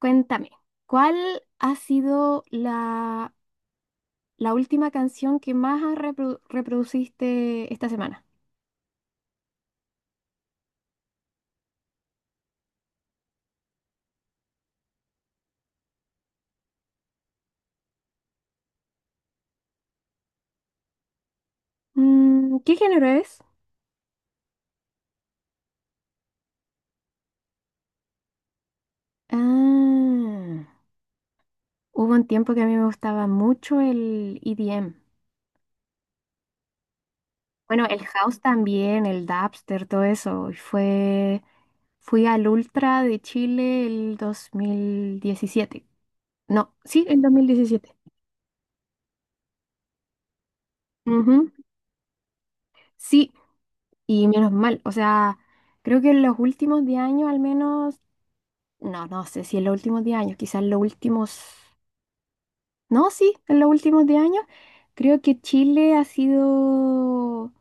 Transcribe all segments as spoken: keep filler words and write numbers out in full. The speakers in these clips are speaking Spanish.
Cuéntame, ¿cuál ha sido la, la última canción que más has reprodu- reproduciste esta semana? Mm, ¿qué género es? Ah, Hubo un tiempo que a mí me gustaba mucho el E D M. Bueno, el house también, el dubstep, todo eso. Y Fue, fui al Ultra de Chile el dos mil diecisiete. No, sí, el dos mil diecisiete. Ujú. Sí, y menos mal, o sea, creo que en los últimos diez años al menos, no, no sé si en los últimos diez años, quizás en los últimos, no, sí, en los últimos diez años, creo que Chile ha sido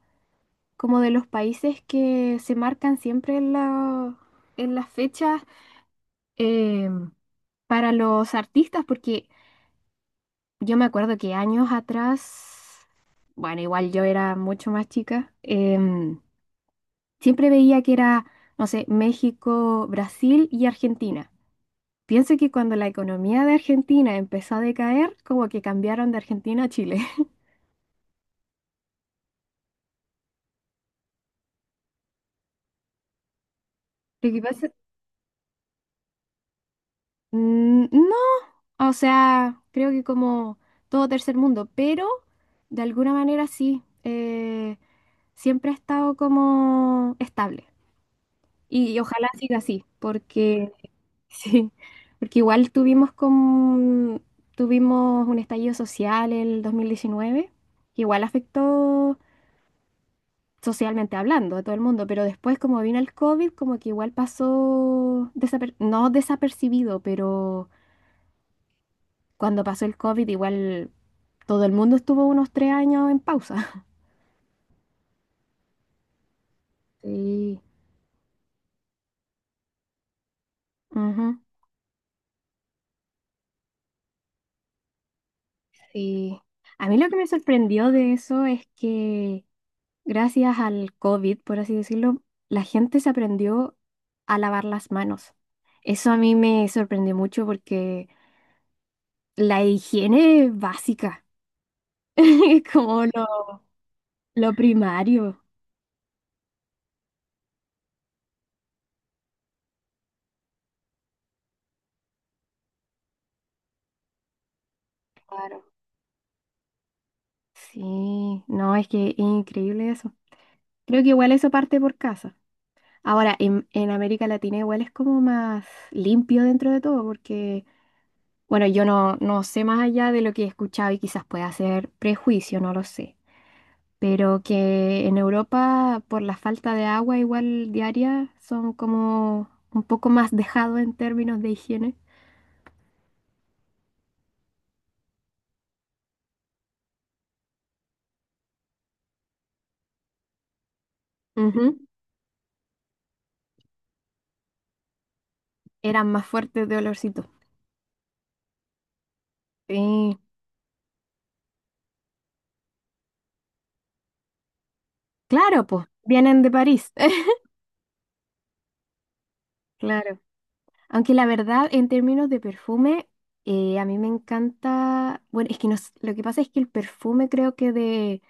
como de los países que se marcan siempre en la- en las fechas eh, para los artistas, porque yo me acuerdo que años atrás, bueno, igual yo era mucho más chica. em, Siempre veía que era, no sé, México, Brasil y Argentina. Pienso que cuando la economía de Argentina empezó a decaer, como que cambiaron de Argentina a Chile. Lo que pasa, mm, no, o sea, creo que como todo tercer mundo, pero de alguna manera sí, eh, siempre ha estado como estable. Y, y ojalá siga así, porque sí, porque igual tuvimos con, tuvimos un estallido social el dos mil diecinueve, que igual afectó socialmente hablando a todo el mundo, pero después como vino el COVID, como que igual pasó, desaper- no desapercibido, pero cuando pasó el COVID igual todo el mundo estuvo unos tres años en pausa. Sí, ujú, sí. A mí lo que me sorprendió de eso es que gracias al COVID, por así decirlo, la gente se aprendió a lavar las manos. Eso a mí me sorprendió mucho porque la higiene es básica, es como lo, lo primario. Claro. Sí, no, es que es increíble eso. Creo que igual eso parte por casa. Ahora, en, en América Latina igual es como más limpio dentro de todo porque, bueno, yo no, no sé más allá de lo que he escuchado y quizás pueda ser prejuicio, no lo sé. Pero que en Europa por la falta de agua igual diaria son como un poco más dejados en términos de higiene. Ujú. Eran más fuertes de olorcito. Sí, claro, pues, vienen de París. Claro. Aunque la verdad, en términos de perfume, eh, a mí me encanta. Bueno, es que no s- lo que pasa es que el perfume creo que de,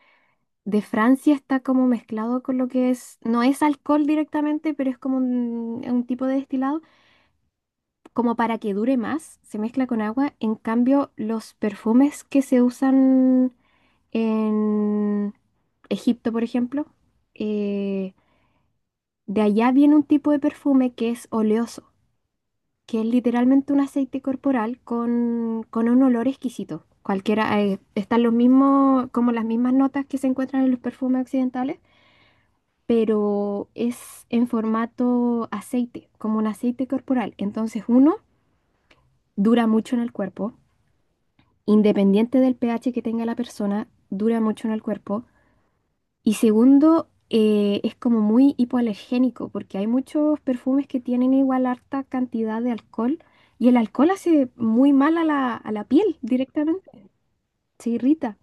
de Francia está como mezclado con lo que es. No es alcohol directamente, pero es como un, un tipo de destilado, como para que dure más, se mezcla con agua. En cambio, los perfumes que se usan en Egipto, por ejemplo, eh, de allá viene un tipo de perfume que es oleoso, que es literalmente un aceite corporal con, con un olor exquisito. Cualquiera, eh, están los mismos, como las mismas notas que se encuentran en los perfumes occidentales, pero es en formato aceite, como un aceite corporal. Entonces, uno, dura mucho en el cuerpo, independiente del pH que tenga la persona, dura mucho en el cuerpo. Y segundo, eh, es como muy hipoalergénico, porque hay muchos perfumes que tienen igual harta cantidad de alcohol, y el alcohol hace muy mal a la, a la piel directamente, se irrita.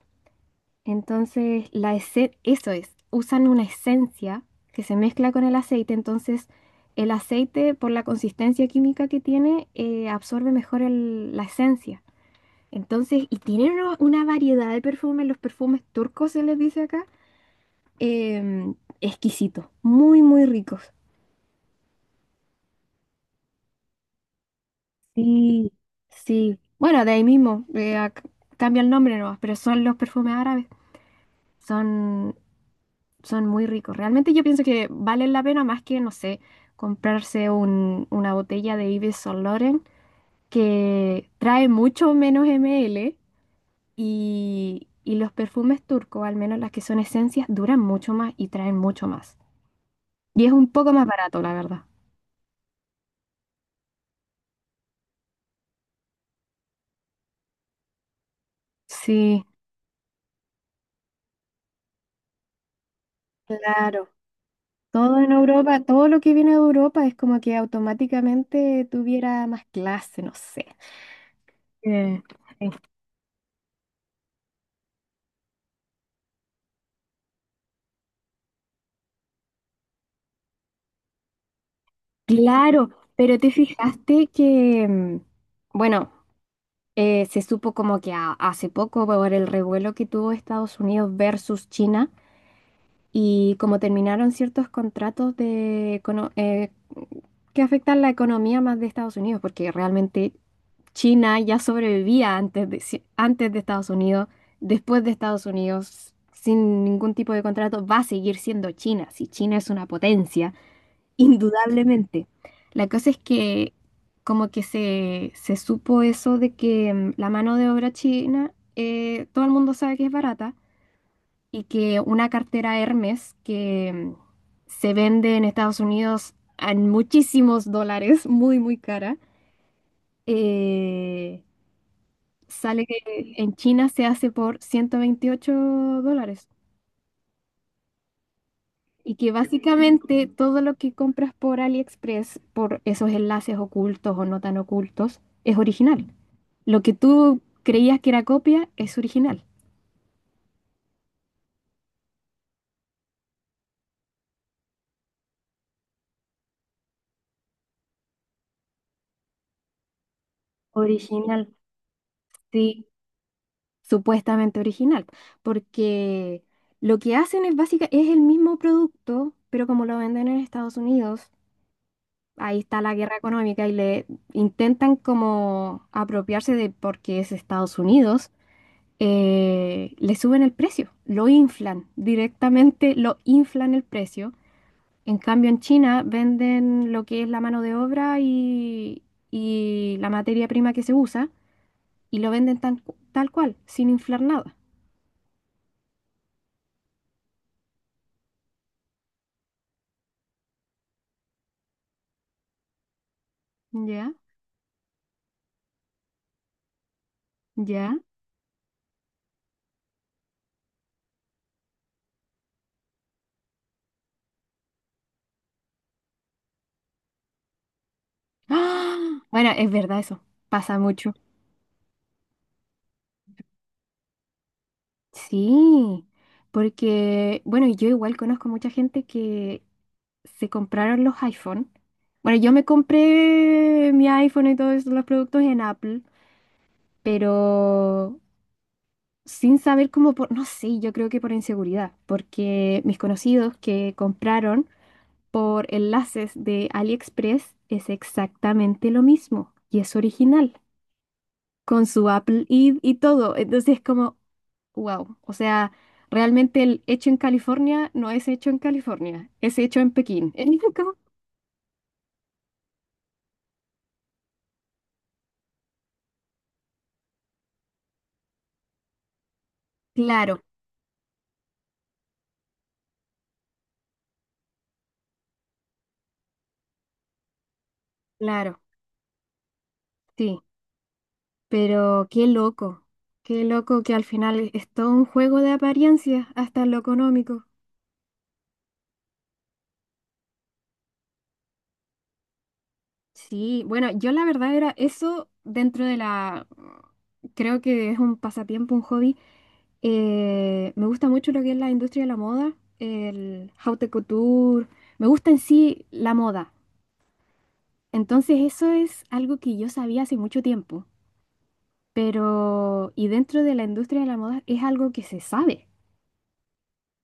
Entonces, la ese- eso es, usan una esencia que se mezcla con el aceite, entonces el aceite, por la consistencia química que tiene, eh, absorbe mejor el- la esencia. Entonces, y tienen una, una variedad de perfumes, los perfumes turcos se les dice acá, em, exquisitos, muy, muy ricos. Sí, sí, bueno, de ahí mismo, eh, ac- cambia el nombre nomás, pero son los perfumes árabes, son, son muy ricos. Realmente yo pienso que valen la pena más que, no sé, comprarse un- una botella de Yves Saint Laurent que trae mucho menos ml. Y, y los perfumes turcos, al menos las que son esencias, duran mucho más y traen mucho más. Y es un poco más barato, la verdad. Sí, claro. Todo en Europa, todo lo que viene de Europa es como que automáticamente tuviera más clase, no sé. Eh, eh, Claro, pero te fijaste que, mm, bueno, eh, se supo como que a- hace poco por el revuelo que tuvo Estados Unidos versus China, y como terminaron ciertos contratos de, econo- eh, que afectan la economía más de Estados Unidos, porque realmente China ya sobrevivía antes de, si- antes de Estados Unidos, después de Estados Unidos, sin ningún tipo de contrato, va a seguir siendo China, si China es una potencia, indudablemente. La cosa es que como que se, se supo eso de que mm, la mano de obra china, eh, todo el mundo sabe que es barata y que una cartera Hermes que mm, se vende en Estados Unidos en muchísimos dólares, muy, muy cara, eh, sale que en China se hace por ciento veintiocho dólares. Y que básicamente todo lo que compras por AliExpress, por esos enlaces ocultos o no tan ocultos, es original. Lo que tú creías que era copia es original. Original, sí, supuestamente original, porque lo que hacen es básica, es el mismo producto, pero como lo venden en Estados Unidos, ahí está la guerra económica y le intentan como apropiarse de porque es Estados Unidos, eh, le suben el precio, lo inflan, directamente lo inflan el precio. En cambio, en China venden lo que es la mano de obra y, y la materia prima que se usa y lo venden tan- tal cual, sin inflar nada. ¿Ya? ¿Ya? ¡Ah! Bueno, es verdad eso, pasa mucho. Sí, porque, bueno, yo igual conozco mucha gente que se compraron los iPhone. Bueno, yo me compré mi iPhone y todos los productos en Apple, pero sin saber cómo, por, no sé, yo creo que por inseguridad, porque mis conocidos que compraron por enlaces de AliExpress es exactamente lo mismo y es original, con su Apple I D y todo. Entonces es como, wow. O sea, realmente el hecho en California no es hecho en California, es hecho en Pekín. Es como, claro, claro, sí. Pero qué loco, qué loco que al final es es todo un juego de apariencias, hasta en lo económico. Sí, bueno, yo la verdad era eso dentro de la... Creo que es un pasatiempo, un hobby. Eh, me gusta mucho lo que es la industria de la moda, el haute couture. Me gusta en sí la moda. Entonces eso es algo que yo sabía hace mucho tiempo. Pero, y dentro de la industria de la moda es algo que se sabe.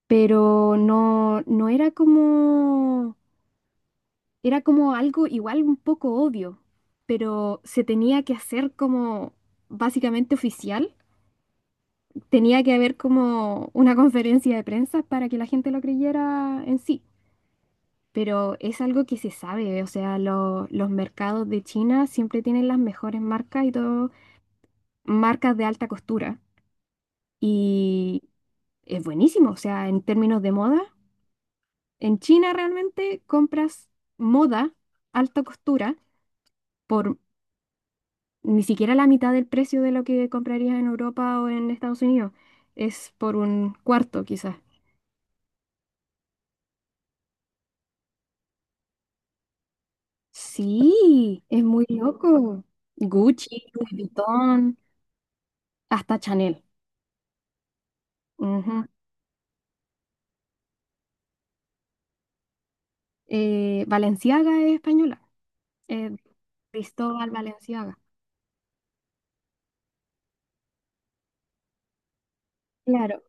Pero no, no era como, era como algo igual un poco obvio. Pero se tenía que hacer como básicamente oficial. Tenía que haber como una conferencia de prensa para que la gente lo creyera en sí. Pero es algo que se sabe, o sea, lo- los mercados de China siempre tienen las mejores marcas y todo, marcas de alta costura. Y es buenísimo, o sea, en términos de moda, en China realmente compras moda, alta costura, por ni siquiera la mitad del precio de lo que comprarías en Europa o en Estados Unidos. Es por un cuarto, quizás. Sí, es muy loco. Gucci, Louis Vuitton, hasta Chanel. Ujú. Eh, Valenciaga es española. Eh, Cristóbal Valenciaga. Claro,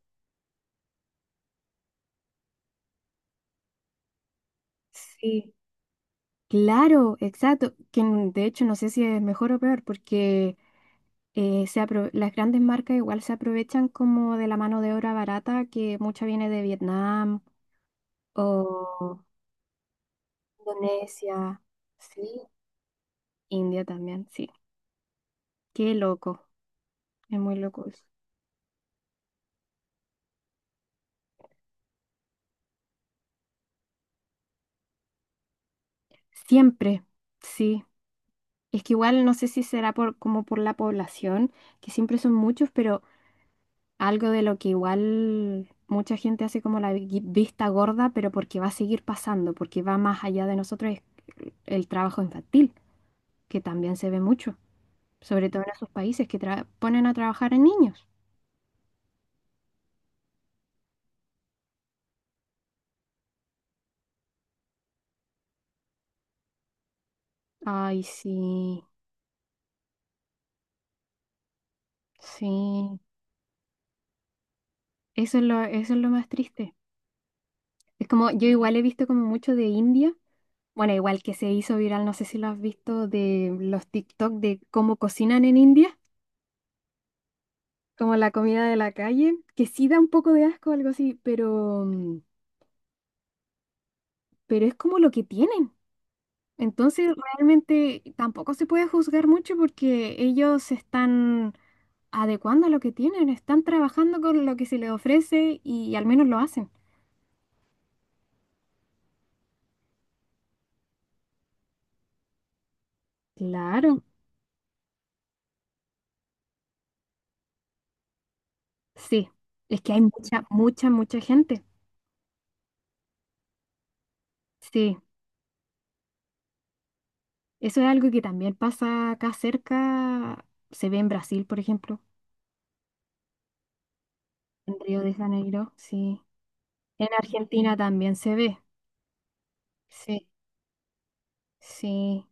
sí. Claro, exacto. Que n- de hecho no sé si es mejor o peor, porque eh, se apro- las grandes marcas igual se aprovechan como de la mano de obra barata, que mucha viene de Vietnam o Indonesia. Sí. India también, sí. Qué loco. Es muy loco eso. Siempre, sí. Es que igual no sé si será por, como por la población, que siempre son muchos, pero algo de lo que igual mucha gente hace como la vi- vista gorda, pero porque va a seguir pasando, porque va más allá de nosotros, es el trabajo infantil, que también se ve mucho, sobre todo en esos países que tra- ponen a trabajar a niños. Ay, sí, sí, eso es lo, eso es lo más triste. Es como, yo igual he visto como mucho de India, bueno, igual que se hizo viral, no sé si lo has visto, de los TikTok de cómo cocinan en India, como la comida de la calle, que sí da un poco de asco, algo así, pero, mm, pero es como lo que tienen. Entonces, realmente tampoco se puede juzgar mucho porque ellos se están adecuando a lo que tienen, están trabajando con lo que se les ofrece y, al menos lo hacen. Claro, sí, es que hay mucha, mucha, mucha gente. Sí, eso es algo que también pasa acá cerca, se ve en Brasil, por ejemplo, en Río de Janeiro, sí. En Argentina también se ve. Sí. Sí,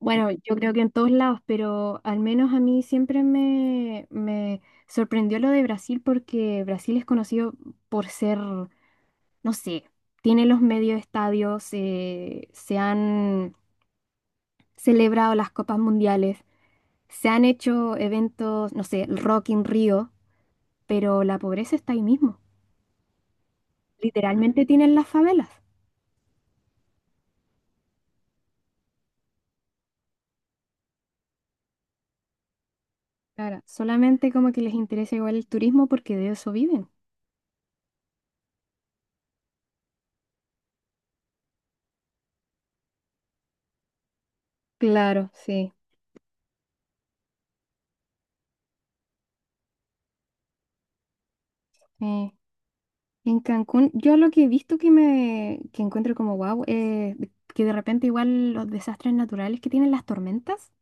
bueno, yo creo que en todos lados, pero al menos a mí siempre me, me sorprendió lo de Brasil porque Brasil es conocido por ser, no sé, tiene los medios estadios, eh, se han celebrado las copas mundiales, se han hecho eventos, no sé, el Rock in Rio, pero la pobreza está ahí mismo. Literalmente tienen las favelas. Claro, solamente como que les interesa igual el turismo porque de eso viven. Claro, sí. Sí. En Cancún, yo lo que he visto que me que encuentro como wow, eh, de- que de repente igual los desastres naturales que tienen las tormentas,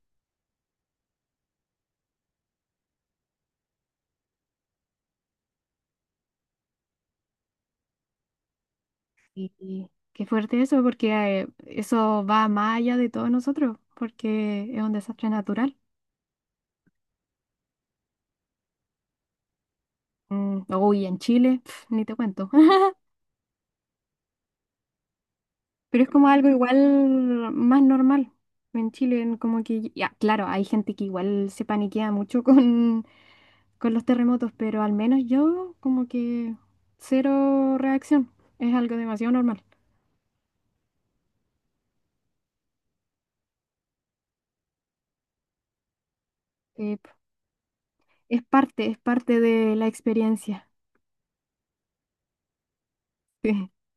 y, y qué fuerte eso, porque eh, eso va más allá de todos nosotros, porque es un desastre natural. Mm, uy, en Chile, pf, ni te cuento. Pero es como algo igual más normal en Chile, en como que, ya, claro, hay gente que igual se paniquea mucho con, con los terremotos, pero al menos yo como que cero reacción. Es algo demasiado normal. Eh, es parte, es parte de la experiencia.